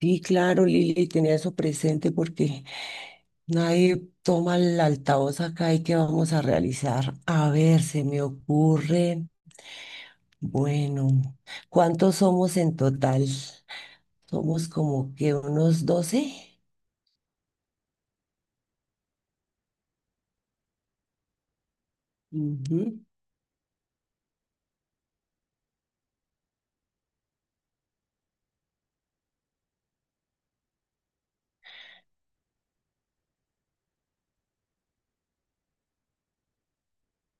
Sí, claro, Lili, tenía eso presente porque nadie toma el altavoz acá y qué vamos a realizar. A ver, se me ocurre, bueno, ¿cuántos somos en total? Somos como que unos 12. Ujú.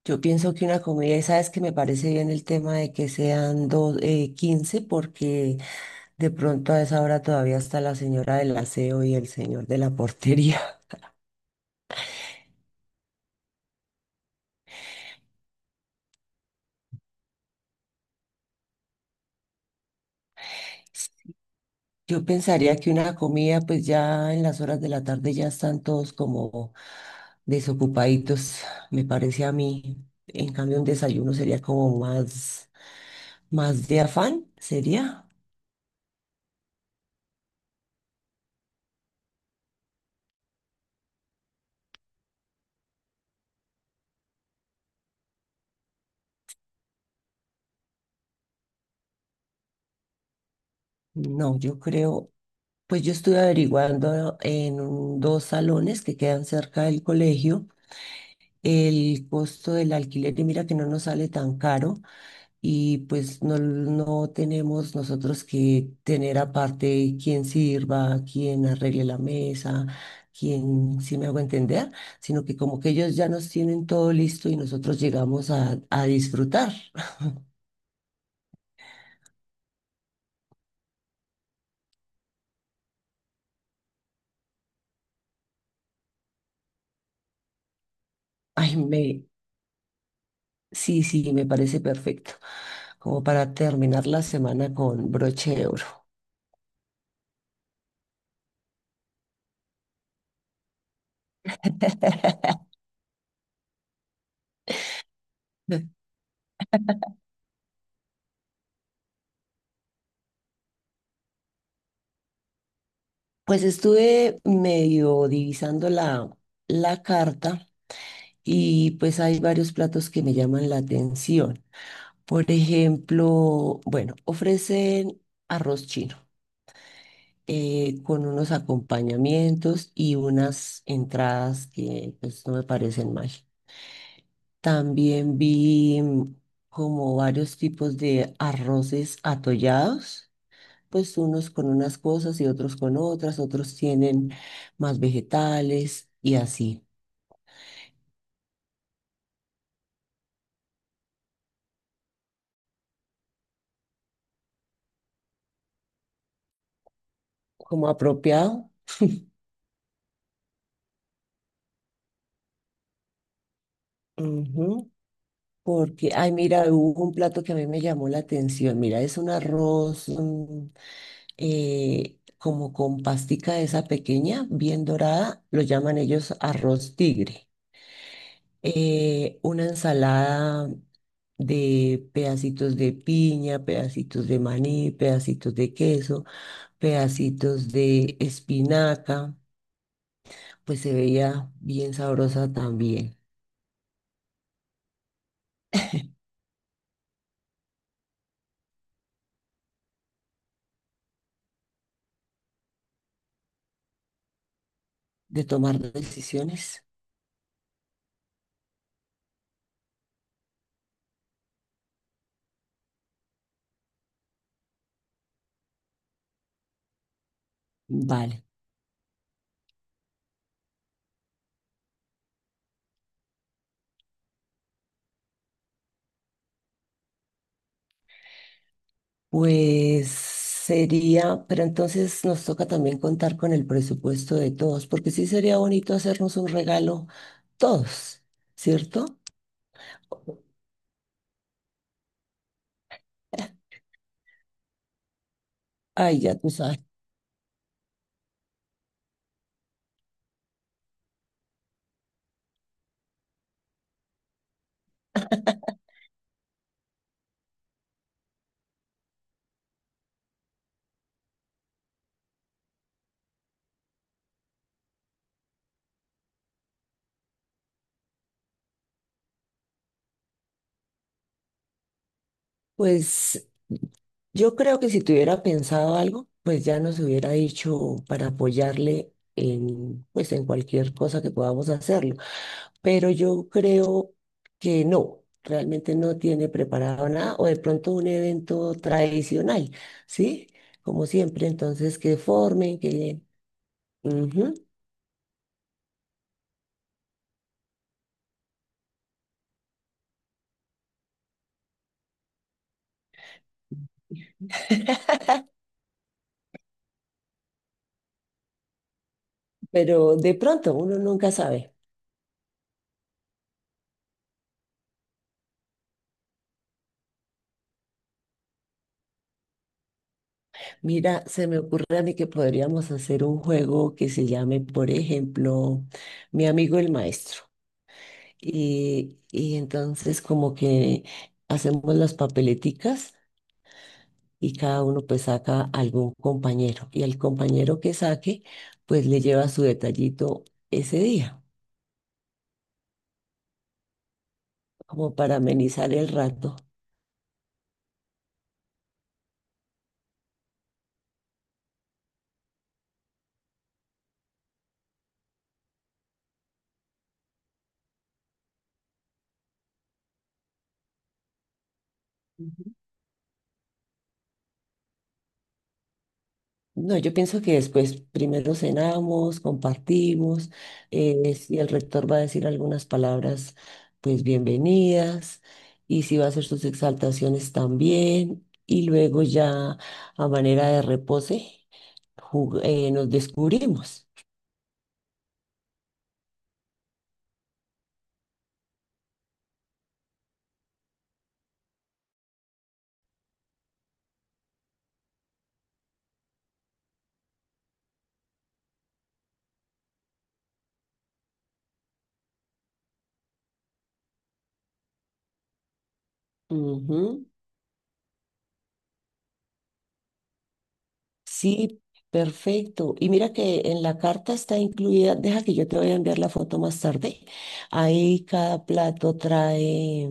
Yo pienso que una comida, y sabes que me parece bien el tema de que sean 15, porque de pronto a esa hora todavía está la señora del aseo y el señor de la portería. Yo pensaría que una comida, pues ya en las horas de la tarde ya están todos como desocupaditos, me parece a mí. En cambio, un desayuno sería como más, de afán, ¿sería? No, yo creo, pues yo estuve averiguando en dos salones que quedan cerca del colegio, el costo del alquiler y mira que no nos sale tan caro. Y pues no, no tenemos nosotros que tener aparte quién sirva, quién arregle la mesa, quién, si me hago entender, sino que como que ellos ya nos tienen todo listo y nosotros llegamos a disfrutar. Ay, sí, sí, me parece perfecto, como para terminar la semana con broche de oro. Pues estuve medio divisando la carta y pues hay varios platos que me llaman la atención. Por ejemplo, bueno, ofrecen arroz chino con unos acompañamientos y unas entradas que pues, no me parecen mal. También vi como varios tipos de arroces atollados, pues unos con unas cosas y otros con otras, otros tienen más vegetales y así, como apropiado. Ujú. Porque, ay, mira, hubo un plato que a mí me llamó la atención. Mira, es un arroz como con pastica esa pequeña, bien dorada, lo llaman ellos arroz tigre. Una ensalada de pedacitos de piña, pedacitos de maní, pedacitos de queso, pedacitos de espinaca, pues se veía bien sabrosa también. De tomar decisiones, vale. Pues sería, pero entonces nos toca también contar con el presupuesto de todos, porque sí sería bonito hacernos un regalo todos, ¿cierto? Ay, ya tú sabes. Pues yo creo que si tuviera pensado algo, pues ya nos hubiera dicho para apoyarle en, pues en cualquier cosa que podamos hacerlo. Pero yo creo que no, realmente no tiene preparado nada o de pronto un evento tradicional, ¿sí? Como siempre, entonces que formen, que... Ujú. Pero de pronto uno nunca sabe. Mira, se me ocurre a mí que podríamos hacer un juego que se llame, por ejemplo, Mi amigo el maestro. Y entonces como que hacemos las papeleticas y cada uno pues saca algún compañero y al compañero que saque pues le lleva su detallito ese día, como para amenizar el rato. Ujú. No, yo pienso que después primero cenamos, compartimos, si el rector va a decir algunas palabras, pues bienvenidas, y si va a hacer sus exaltaciones también, y luego ya a manera de repose, nos descubrimos. Ujú. Sí, perfecto. Y mira que en la carta está incluida, deja que yo te voy a enviar la foto más tarde. Ahí cada plato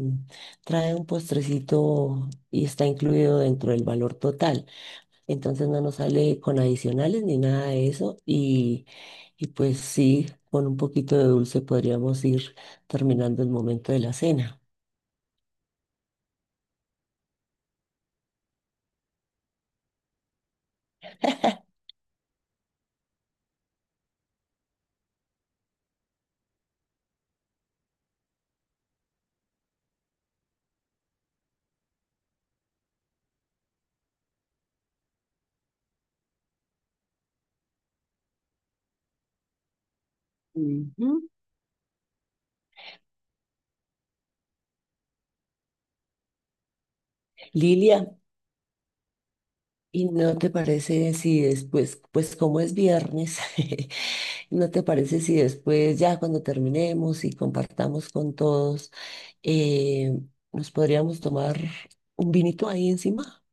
trae un postrecito y está incluido dentro del valor total. Entonces no nos sale con adicionales ni nada de eso. Y pues sí, con un poquito de dulce podríamos ir terminando el momento de la cena. Ujú. Lilia, ¿y no te parece si después, pues como es viernes, no te parece si después, ya cuando terminemos y compartamos con todos, eh, nos podríamos tomar un vinito ahí encima?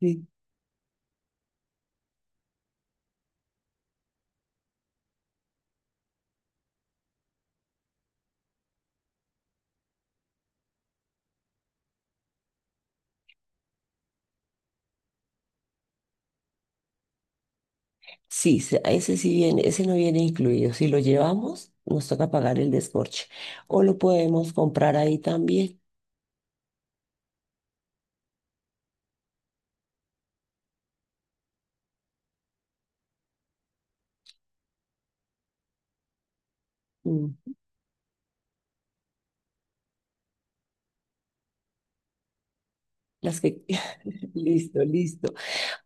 Sí, sí, a ese sí viene, ese no viene incluido. Si lo llevamos, nos toca pagar el descorche. O lo podemos comprar ahí también. Mm. Las que... Listo, listo.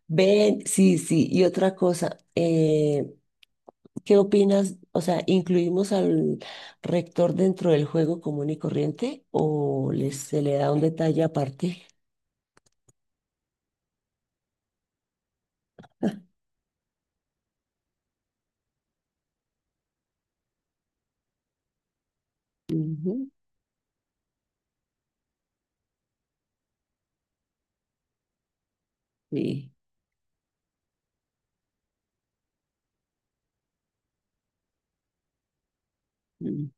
Ven, sí, sí. Y otra cosa, ¿qué opinas? O sea, ¿incluimos al rector dentro del juego común y corriente o les, se le da un detalle aparte? Ujú, sí. Mm.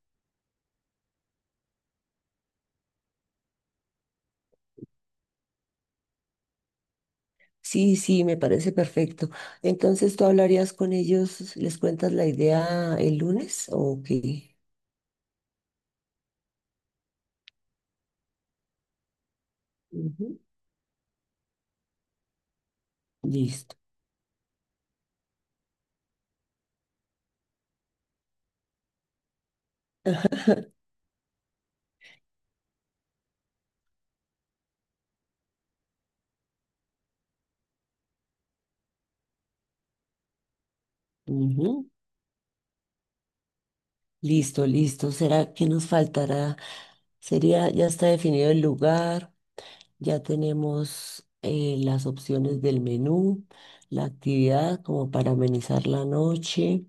Sí, sí, me parece perfecto. Entonces, ¿tú hablarías con ellos? ¿Les cuentas la idea el lunes o qué? Ujú. Listo. Ujú. Listo, listo. ¿Será que nos faltará? Sería, ya está definido el lugar. Ya tenemos las opciones del menú, la actividad como para amenizar la noche,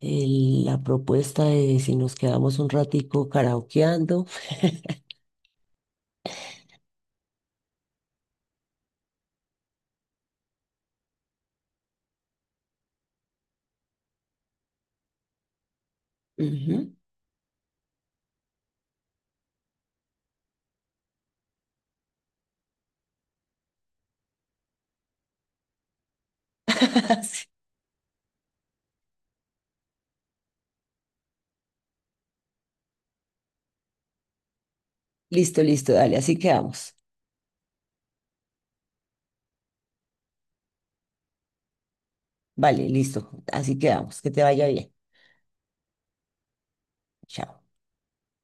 la propuesta de si nos quedamos un ratico karaokeando. Ujú. Sí. Listo, listo, dale, así quedamos. Vale, listo, así quedamos. Que te vaya bien. Chao.